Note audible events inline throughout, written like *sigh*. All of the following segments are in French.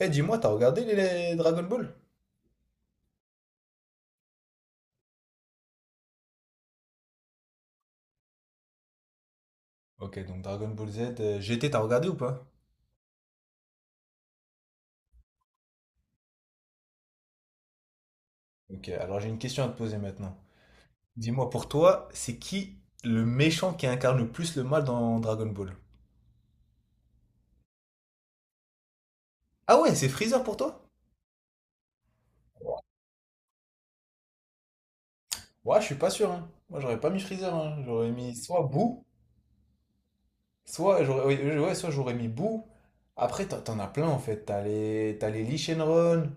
Eh, dis-moi, t'as regardé les Dragon Ball? Ok, donc Dragon Ball Z, GT, t'as regardé ou pas? Ok, alors j'ai une question à te poser maintenant. Dis-moi, pour toi, c'est qui le méchant qui incarne le plus le mal dans Dragon Ball? Ah ouais, c'est Freezer pour toi? Ouais, je suis pas sûr, hein. Moi, j'aurais pas mis Freezer, hein. J'aurais mis soit Boo, soit j'aurais, ouais, ouais, soit j'aurais mis Boo. Après, t'en as plein, en fait. T'as les Lee Shenron,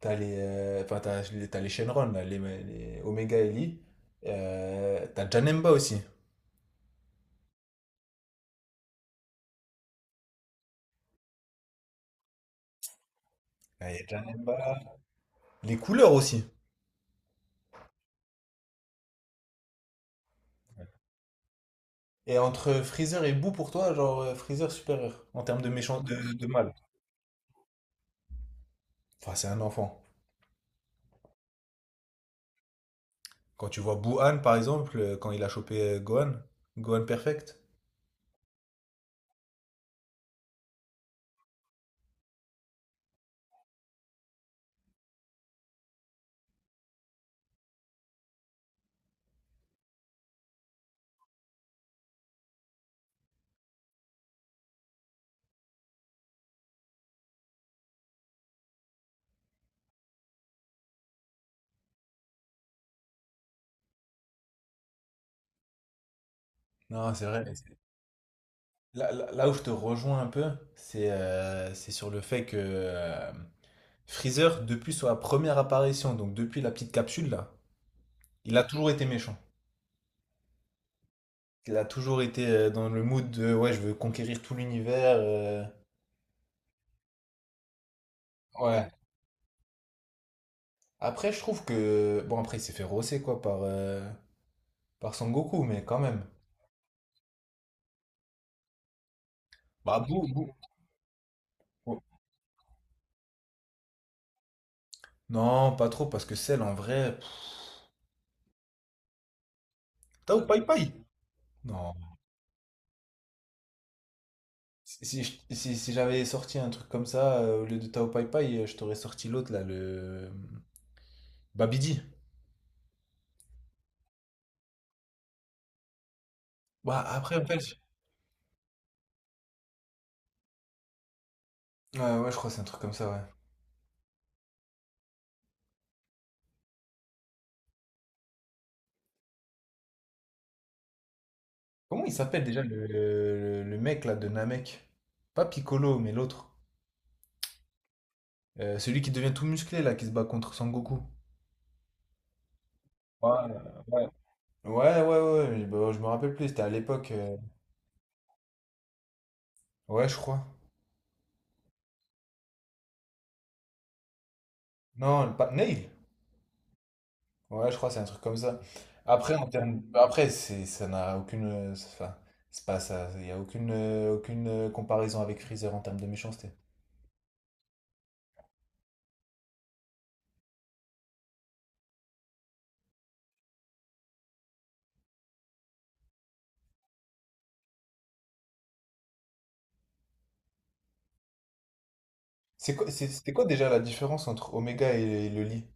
enfin, t'as les Shenron, là, les Omega et Lee. T'as Janemba aussi. Ah, y a déjà Nemba. Les couleurs aussi. Et entre Freezer et Boo, pour toi, genre Freezer supérieur en termes de méchant de mal. Enfin, c'est un enfant. Quand tu vois Boo Han, par exemple, quand il a chopé Gohan, Gohan Perfect. Non, c'est vrai. Là, là où je te rejoins un peu, c'est sur le fait que Freezer, depuis sa première apparition, donc depuis la petite capsule là, il a toujours été méchant. Il a toujours été dans le mood de ouais, je veux conquérir tout l'univers. Ouais. Après, je trouve que. Bon, après, il s'est fait rosser, quoi, par Son Goku, mais quand même. Bah, bou, bou. Non, pas trop, parce que celle, en vrai. Tao Pai Pai! Non. Si, si je- si- si j'avais sorti un truc comme ça, au lieu de Tao Pai Pai, je t'aurais sorti l'autre, là, le. Babidi. Bah, après, en fait. Ouais, ouais, je crois que c'est un truc comme ça, ouais. Comment il s'appelle déjà le mec, là, de Namek? Pas Piccolo, mais l'autre. Celui qui devient tout musclé, là, qui se bat contre Son Goku. Ouais, ouais, ouais, ouais, ouais, mais bon, je me rappelle plus, c'était à l'époque. Ouais, je crois. Non, Nail. Ouais, je crois, c'est un truc comme ça. Après, en termes. Après, c'est, ça n'a aucune. Enfin, c'est pas ça. Il n'y a aucune comparaison avec Freezer en termes de méchanceté. C'est quoi, c'était quoi déjà la différence entre Omega et le Lee?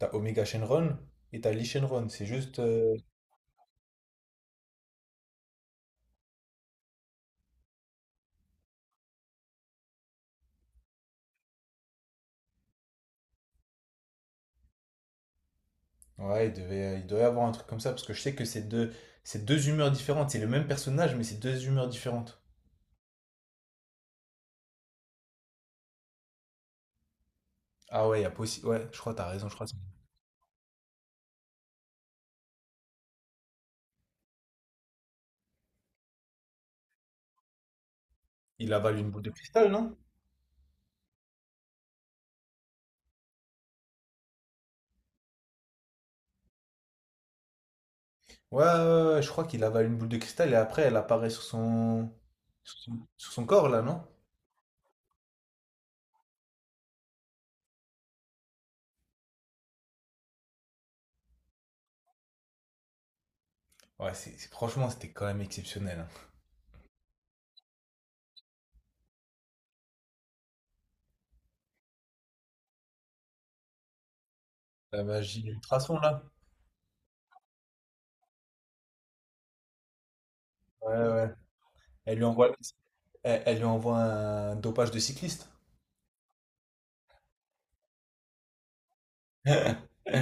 T'as Omega Shenron et t'as Lee Shenron. C'est juste. Ouais, il doit y avoir un truc comme ça, parce que je sais que c'est deux humeurs différentes. C'est le même personnage, mais c'est deux humeurs différentes. Ah ouais, il y a possi- Ouais, je crois, t'as raison, je crois. Il avale une boule de cristal, non? Ouais, ouais, ouais, je crois qu'il avale une boule de cristal et après elle apparaît sur son, sur son, corps, là, non? Ouais, franchement, c'était quand même exceptionnel, hein. La magie de l'ultrason, là. Ouais, ouais. Elle lui envoie, elle lui envoie un dopage de cycliste. *laughs* C'est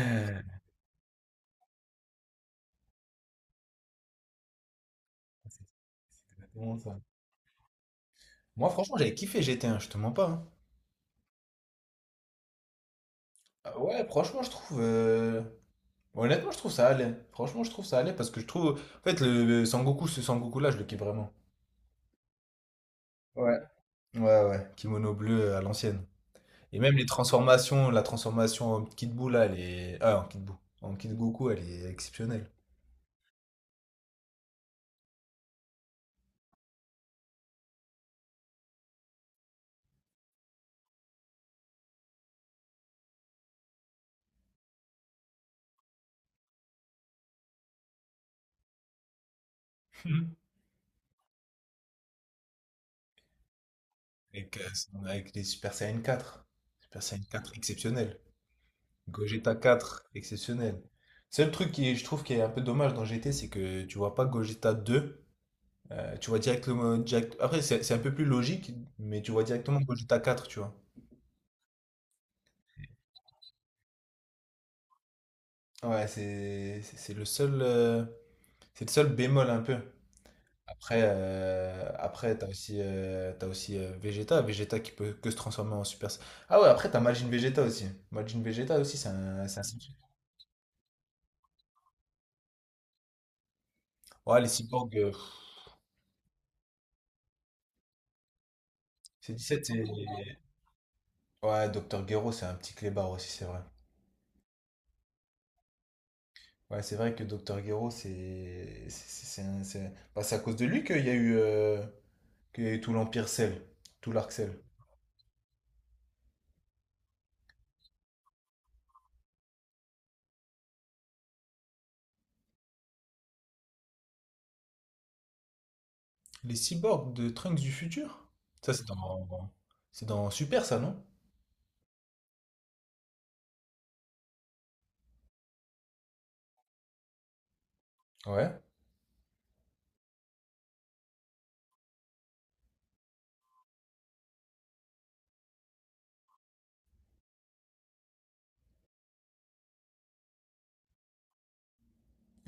exactement ça. Moi, franchement, j'avais kiffé GT1, je te mens pas, hein. Ah ouais, franchement, je trouve. Honnêtement, je trouve ça allait. Franchement, je trouve ça allait parce que je trouve. En fait, le Sangoku, ce Sangoku-là, je le kiffe vraiment. Ouais. Ouais, ouais, kimono bleu à l'ancienne. Et même les transformations, la transformation en Kid Buu, là, elle est. Ah, en Kid Buu. En Kid Goku, elle est exceptionnelle. Mhm. Avec, euh, avec les Super Saiyan 4. Super Saiyan 4 exceptionnel. Gogeta 4 exceptionnel. Seul truc je trouve, qui est un peu dommage dans G T, c'est que tu vois pas Gogeta 2, tu vois directement. Après, c'est un peu plus logique, mais tu vois directement Gogeta 4, tu vois. Ouais, c'est le seul. C'est le seul bémol un peu. Après, t'as aussi, Vegeta qui peut que se transformer en Super Saiyan. Ah ouais, après t'as Majin Vegeta aussi. Majin Vegeta aussi, c'est un sacré-. Ouais, les cyborgs, c'est 17, Ouais, Docteur Gero, c'est un petit clébard aussi, c'est vrai. Ouais, c'est vrai que Docteur Gero, c'est. Bah, c'est à cause de lui qu'il y a eu, tout l'Empire Cell, tout l'arc Cell. Les cyborgs de Trunks du futur? Ça, c'est dans. C'est dans Super, ça, non? Ouais.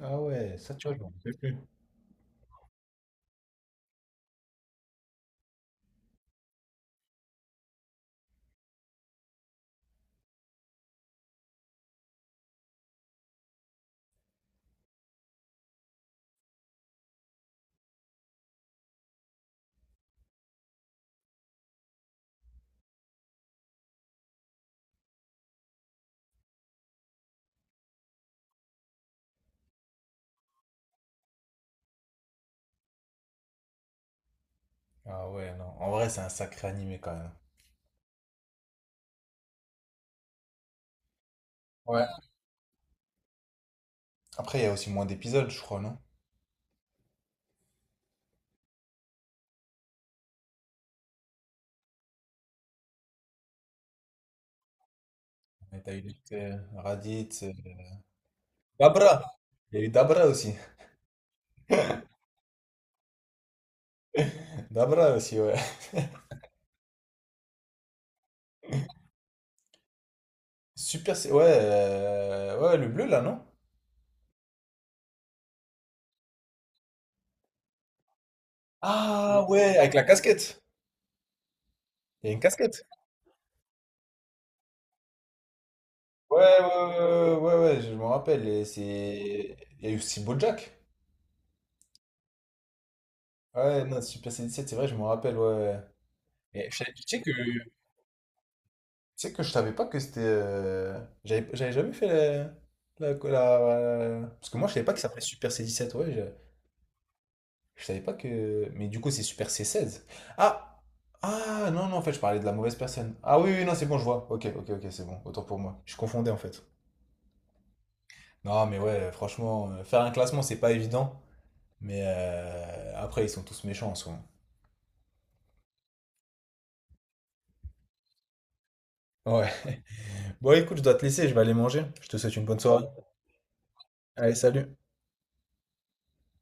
Ah ouais, ça, tu vois, je m'en rappelle plus. Ah ouais, non. En vrai, c'est un sacré animé quand même. Ouais. Après, il y a aussi moins d'épisodes, je crois, non? Et t'as eu Raditz, Dabra! Il y a eu Dabra aussi. *laughs* Dabra aussi, ouais. Super, ouais, ouais, le bleu là, non? Ah ouais, avec la casquette. Il y a une casquette. Ouais, ouais, ouais, ouais, ouais, je me rappelle. Et il y a eu aussi BoJack. Ouais, non, Super C17, c'est vrai, je me rappelle, ouais, ouais. Et tu sais que tu sais que je savais pas que c'était. J'avais jamais fait. Parce que moi, je savais pas que ça s'appelait Super C17, ouais. Je savais pas que. Mais du coup, c'est Super C16. Ah! Ah non, non, en fait, je parlais de la mauvaise personne. Ah oui, oui, non, c'est bon, je vois. Ok, ok, ok, c'est bon. Autant pour moi. Je confondais, en fait. Non, mais ouais, franchement, faire un classement, c'est pas évident. Mais après, ils sont tous méchants en soi. Ouais. *laughs* Bon, écoute, je dois te laisser, je vais aller manger. Je te souhaite une bonne soirée. Allez, salut.